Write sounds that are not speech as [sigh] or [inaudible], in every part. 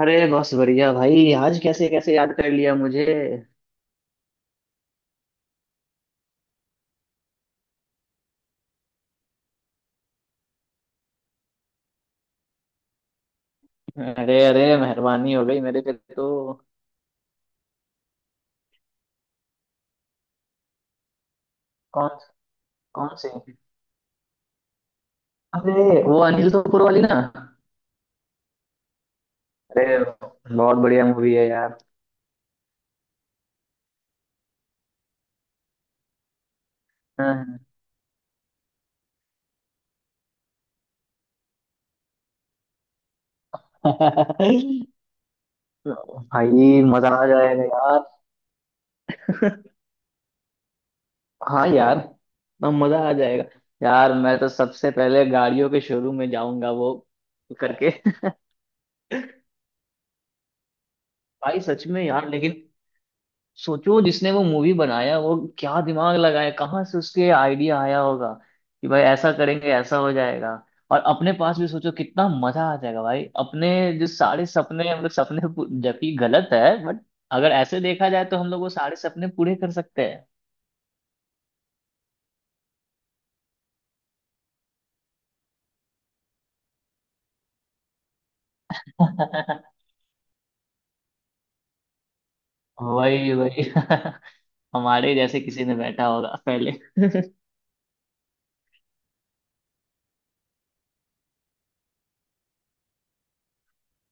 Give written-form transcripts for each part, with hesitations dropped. अरे बस बढ़िया भाई। आज कैसे कैसे याद कर लिया मुझे। अरे अरे मेहरबानी हो गई मेरे पे तो। कौन? कौन से? अरे वो अनिल कपूर वाली ना। अरे बहुत बढ़िया मूवी है यार। हाँ। [laughs] भाई मजा आ जाएगा यार। हाँ यार, ना मजा आ जाएगा। यार मैं तो सबसे पहले गाड़ियों के शोरूम में जाऊंगा, वो करके। [laughs] भाई सच में यार, लेकिन सोचो जिसने वो मूवी बनाया वो क्या दिमाग लगाया, कहाँ से उसके आइडिया आया होगा कि भाई ऐसा करेंगे, ऐसा हो जाएगा। और अपने पास भी सोचो कितना मजा आ जाएगा भाई। अपने जो सारे सपने हम लोग, जबकि गलत है बट अगर ऐसे देखा जाए तो हम लोग वो सारे सपने पूरे कर सकते हैं। [laughs] वही वही। [laughs] हमारे जैसे किसी ने बैठा होगा पहले।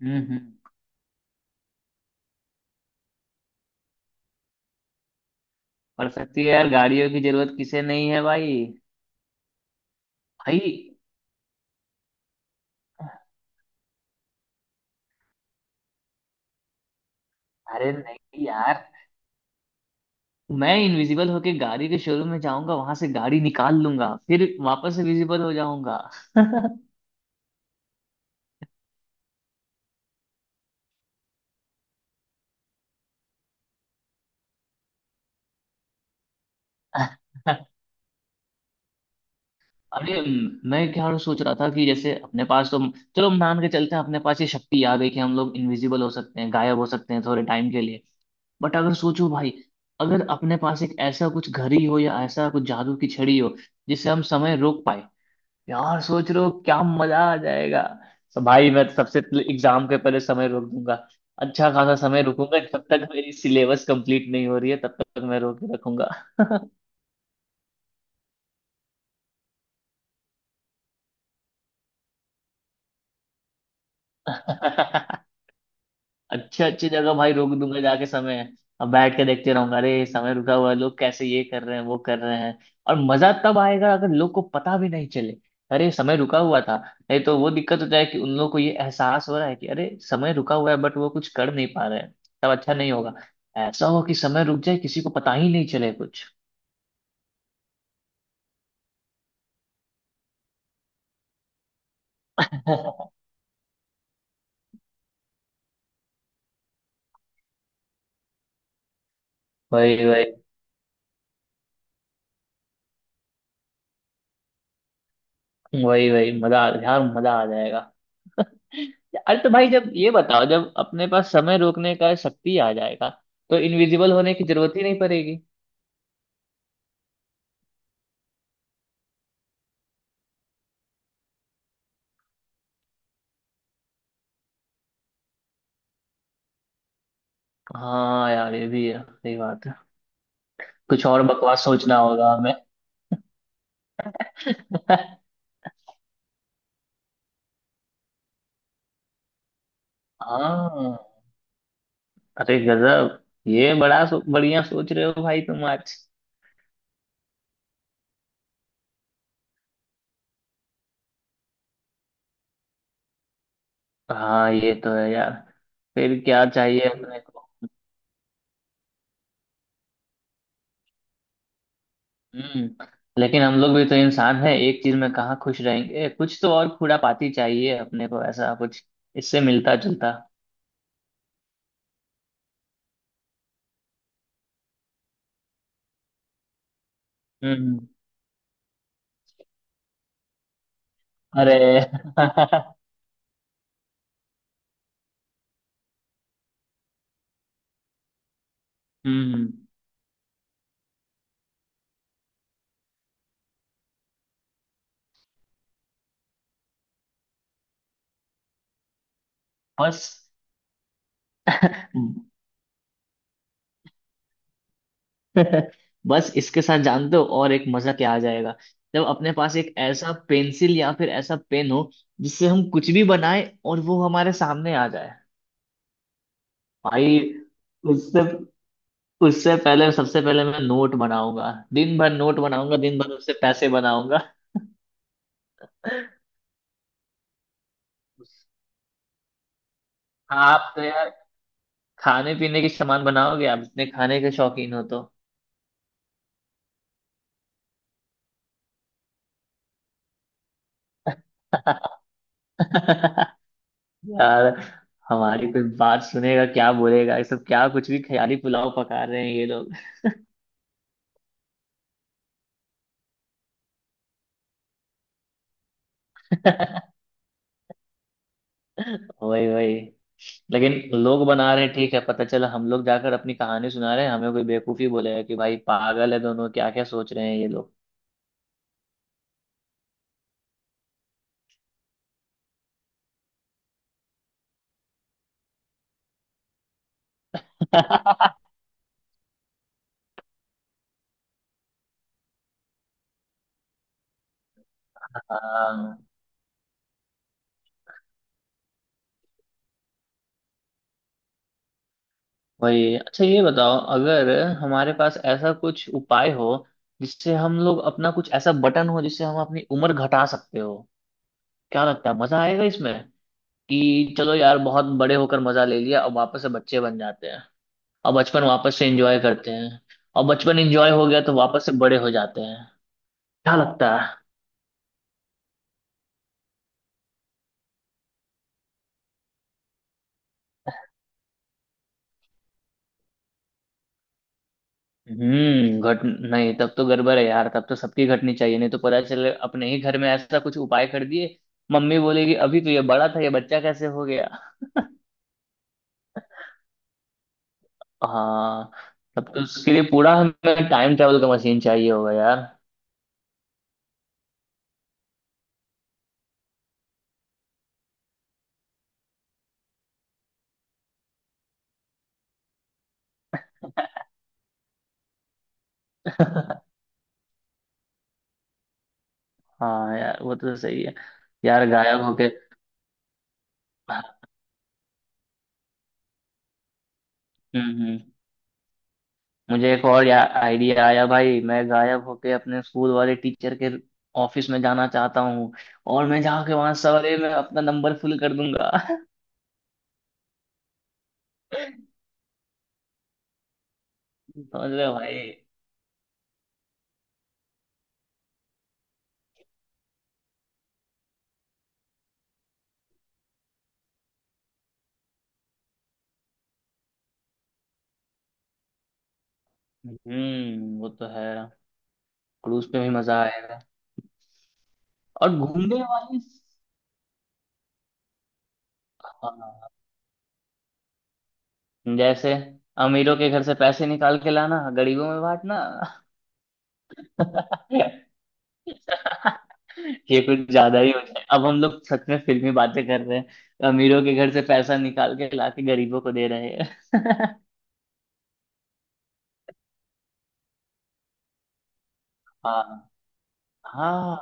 हम्म। पड़ सकती है यार, गाड़ियों की जरूरत किसे नहीं है भाई। भाई अरे नहीं यार, मैं इनविजिबल होके गाड़ी के शोरूम में जाऊंगा, वहां से गाड़ी निकाल लूंगा, फिर वापस से विजिबल हो जाऊंगा। [laughs] अरे मैं क्या सोच रहा था कि जैसे अपने पास तो, चलो हम मान के चलते हैं अपने पास ये शक्ति आ गई कि हम लोग इनविजिबल हो सकते हैं, गायब हो सकते हैं थोड़े टाइम के लिए। बट अगर सोचो भाई, अगर अपने पास एक ऐसा कुछ घड़ी हो या ऐसा कुछ जादू की छड़ी हो जिससे हम समय रोक पाए, यार सोच रहे हो क्या मजा आ जाएगा। तो भाई मैं तो सबसे पहले एग्जाम के पहले समय रोक दूंगा। अच्छा खासा समय रुकूंगा, जब तक मेरी सिलेबस कंप्लीट नहीं हो रही है तब तक मैं रोक के रखूंगा। [laughs] अच्छे अच्छे जगह भाई रोक दूंगा जाके समय। अब बैठ के देखते रहूंगा, अरे समय रुका हुआ है, लोग कैसे ये कर रहे हैं वो कर रहे हैं। और मजा तब आएगा अगर लोग को पता भी नहीं चले अरे समय रुका हुआ था। नहीं तो वो दिक्कत हो जाए कि उन लोग को ये एहसास हो रहा है कि अरे समय रुका हुआ है बट वो कुछ कर नहीं पा रहे हैं, तब अच्छा नहीं होगा। ऐसा हो कि समय रुक जाए, किसी को पता ही नहीं चले कुछ। [laughs] वही वही वही वही, मजा यार मजा आ जाएगा। अरे तो भाई जब ये बताओ, जब अपने पास समय रोकने का शक्ति आ जाएगा तो इनविजिबल होने की जरूरत ही नहीं पड़ेगी। हाँ यार ये भी है, सही बात है। कुछ और बकवास सोचना होगा हमें। [laughs] हाँ, अरे गजब। ये बढ़िया सोच रहे हो भाई तुम आज। हाँ ये तो है यार। फिर क्या चाहिए अपने को। हम्म। लेकिन हम लोग भी तो इंसान हैं, एक चीज में कहाँ खुश रहेंगे, कुछ तो और खुरापाती चाहिए अपने को, ऐसा कुछ इससे मिलता जुलता। हम्म। अरे। [laughs] हम्म। बस। [laughs] बस इसके साथ जान दो और एक मजा क्या आ जाएगा, जब अपने पास एक ऐसा पेंसिल या फिर ऐसा पेन हो जिससे हम कुछ भी बनाए और वो हमारे सामने आ जाए। भाई उससे उससे पहले सबसे पहले मैं नोट बनाऊंगा, दिन भर नोट बनाऊंगा, दिन भर उससे पैसे बनाऊंगा। [laughs] आप तो यार खाने पीने के सामान बनाओगे, आप इतने खाने के शौकीन हो तो। [laughs] यार हमारी कोई बात सुनेगा, क्या बोलेगा, ये सब क्या कुछ भी ख्याली पुलाव पका रहे हैं ये लोग। [laughs] वही वही। लेकिन लोग बना रहे हैं ठीक है, पता चला हम लोग जाकर अपनी कहानी सुना रहे हैं हमें कोई बेवकूफी बोलेगा कि भाई पागल है दोनों, क्या क्या सोच रहे हैं ये लोग। [laughs] हाँ, वही। अच्छा ये बताओ अगर हमारे पास ऐसा कुछ उपाय हो, जिससे हम लोग अपना कुछ ऐसा बटन हो जिससे हम अपनी उम्र घटा सकते हो, क्या लगता है मजा आएगा इसमें कि चलो यार बहुत बड़े होकर मजा ले लिया, अब वापस से बच्चे बन जाते हैं, अब बचपन वापस से एंजॉय करते हैं। और बचपन एंजॉय हो गया तो वापस से बड़े हो जाते हैं, क्या लगता है। घट नहीं तब तो गड़बड़ है यार, तब तो सबकी घटनी चाहिए, नहीं तो पता चले अपने ही घर में ऐसा कुछ उपाय कर दिए, मम्मी बोलेगी अभी तो ये बड़ा था, ये बच्चा कैसे हो गया। हाँ, तब तो उसके लिए पूरा हमें टाइम ट्रेवल का मशीन चाहिए होगा यार। [laughs] हाँ यार वो तो सही है। यार गायब होके। हम्म हम्म। मुझे एक और या आइडिया आया भाई, मैं गायब होके अपने स्कूल वाले टीचर के ऑफिस में जाना चाहता हूँ और मैं जाके वहां सवेरे में अपना नंबर फुल कर दूंगा। [laughs] समझ रहे हो भाई। हम्म, वो तो है। क्रूज पे भी मजा आएगा। और घूमने वाली। हाँ, जैसे अमीरों के घर से पैसे निकाल के लाना, गरीबों में बांटना। [laughs] ये कुछ ज्यादा ही हो जाए, अब हम लोग सच में फिल्मी बातें कर रहे हैं, अमीरों के घर से पैसा निकाल के लाके गरीबों को दे रहे हैं। [laughs] हाँ। हाँ,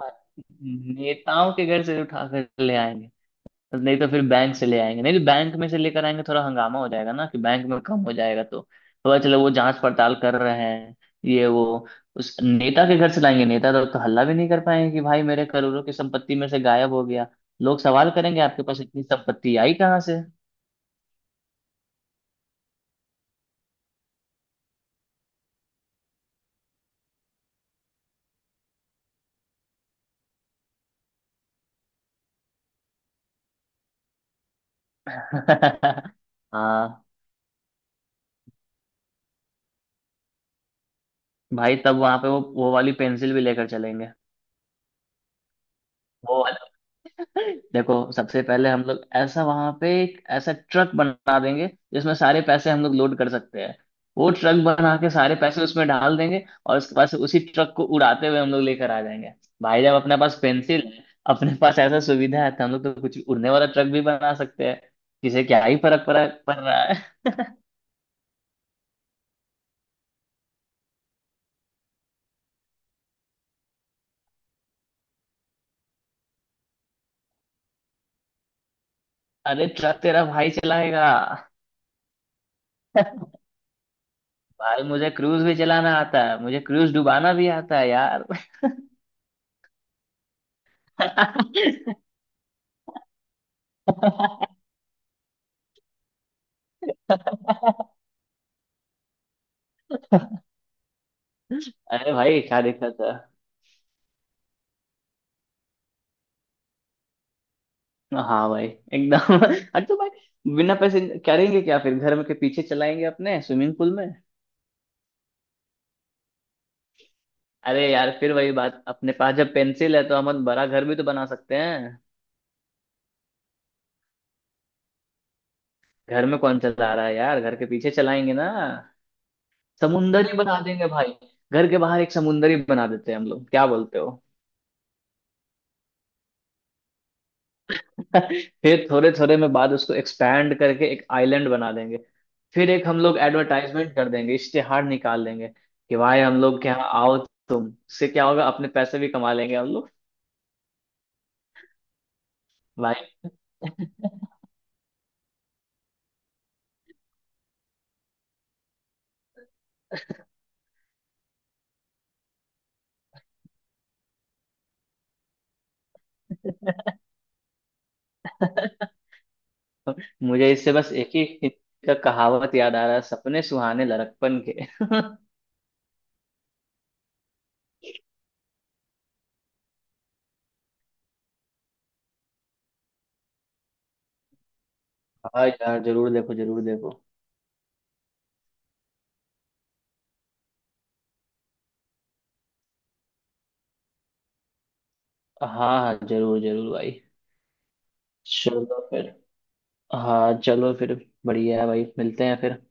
नेताओं के घर से उठा कर ले आएंगे, नहीं तो फिर बैंक से ले आएंगे, नहीं तो बैंक में से लेकर आएंगे थोड़ा हंगामा हो जाएगा ना कि बैंक में कम हो जाएगा तो। थोड़ा, चलो वो जांच पड़ताल कर रहे हैं ये वो, उस नेता के घर से लाएंगे, नेता तो हल्ला भी नहीं कर पाएंगे कि भाई मेरे करोड़ों की संपत्ति में से गायब हो गया, लोग सवाल करेंगे आपके पास इतनी संपत्ति आई कहाँ से। [laughs] हाँ भाई, तब वहां पे वो वाली पेंसिल भी लेकर चलेंगे। वो वाला। [laughs] देखो सबसे पहले हम लोग ऐसा वहां पे एक ऐसा ट्रक बना देंगे जिसमें सारे पैसे हम लोग लोड कर सकते हैं, वो ट्रक बना के सारे पैसे उसमें डाल देंगे और उसके बाद से उसी ट्रक को उड़ाते हुए हम लोग लेकर आ जाएंगे। भाई जब अपने पास पेंसिल है, अपने पास ऐसा सुविधा है तो हम लोग तो कुछ उड़ने वाला ट्रक भी बना सकते हैं, किसे क्या ही फर्क पड़ा पड़ रहा है। [laughs] अरे ट्रक तेरा भाई चलाएगा। [laughs] भाई मुझे क्रूज भी चलाना आता है, मुझे क्रूज डुबाना भी आता है यार। [laughs] अरे भाई क्या देखा था। हाँ भाई एकदम। [laughs] अरे तो भाई बिना पैसे करेंगे क्या, फिर घर के पीछे चलाएंगे अपने स्विमिंग पूल में। अरे यार फिर वही बात, अपने पास जब पेंसिल है तो हम बड़ा घर भी तो बना सकते हैं। घर में कौन चला रहा है यार, घर के पीछे चलाएंगे ना। समुंदर ही बना देंगे भाई, घर के बाहर एक समुंदर ही बना देते हैं हम लोग, क्या बोलते हो। फिर थोड़े थोड़े में बाद उसको एक्सपैंड करके एक आइलैंड बना देंगे, फिर एक हम लोग एडवर्टाइजमेंट कर देंगे, इश्तेहार निकाल देंगे कि भाई हम लोग के यहाँ आओ, तुम इससे क्या होगा, अपने पैसे भी कमा लेंगे हम लोग। भाई। [laughs] मुझे इससे बस एक ही का कहावत याद आ रहा है, सपने सुहाने लड़कपन के। हाँ यार जरूर देखो, जरूर देखो। हाँ हाँ, जरूर जरूर भाई। चलो फिर। हाँ चलो फिर। बढ़िया है भाई, मिलते हैं फिर।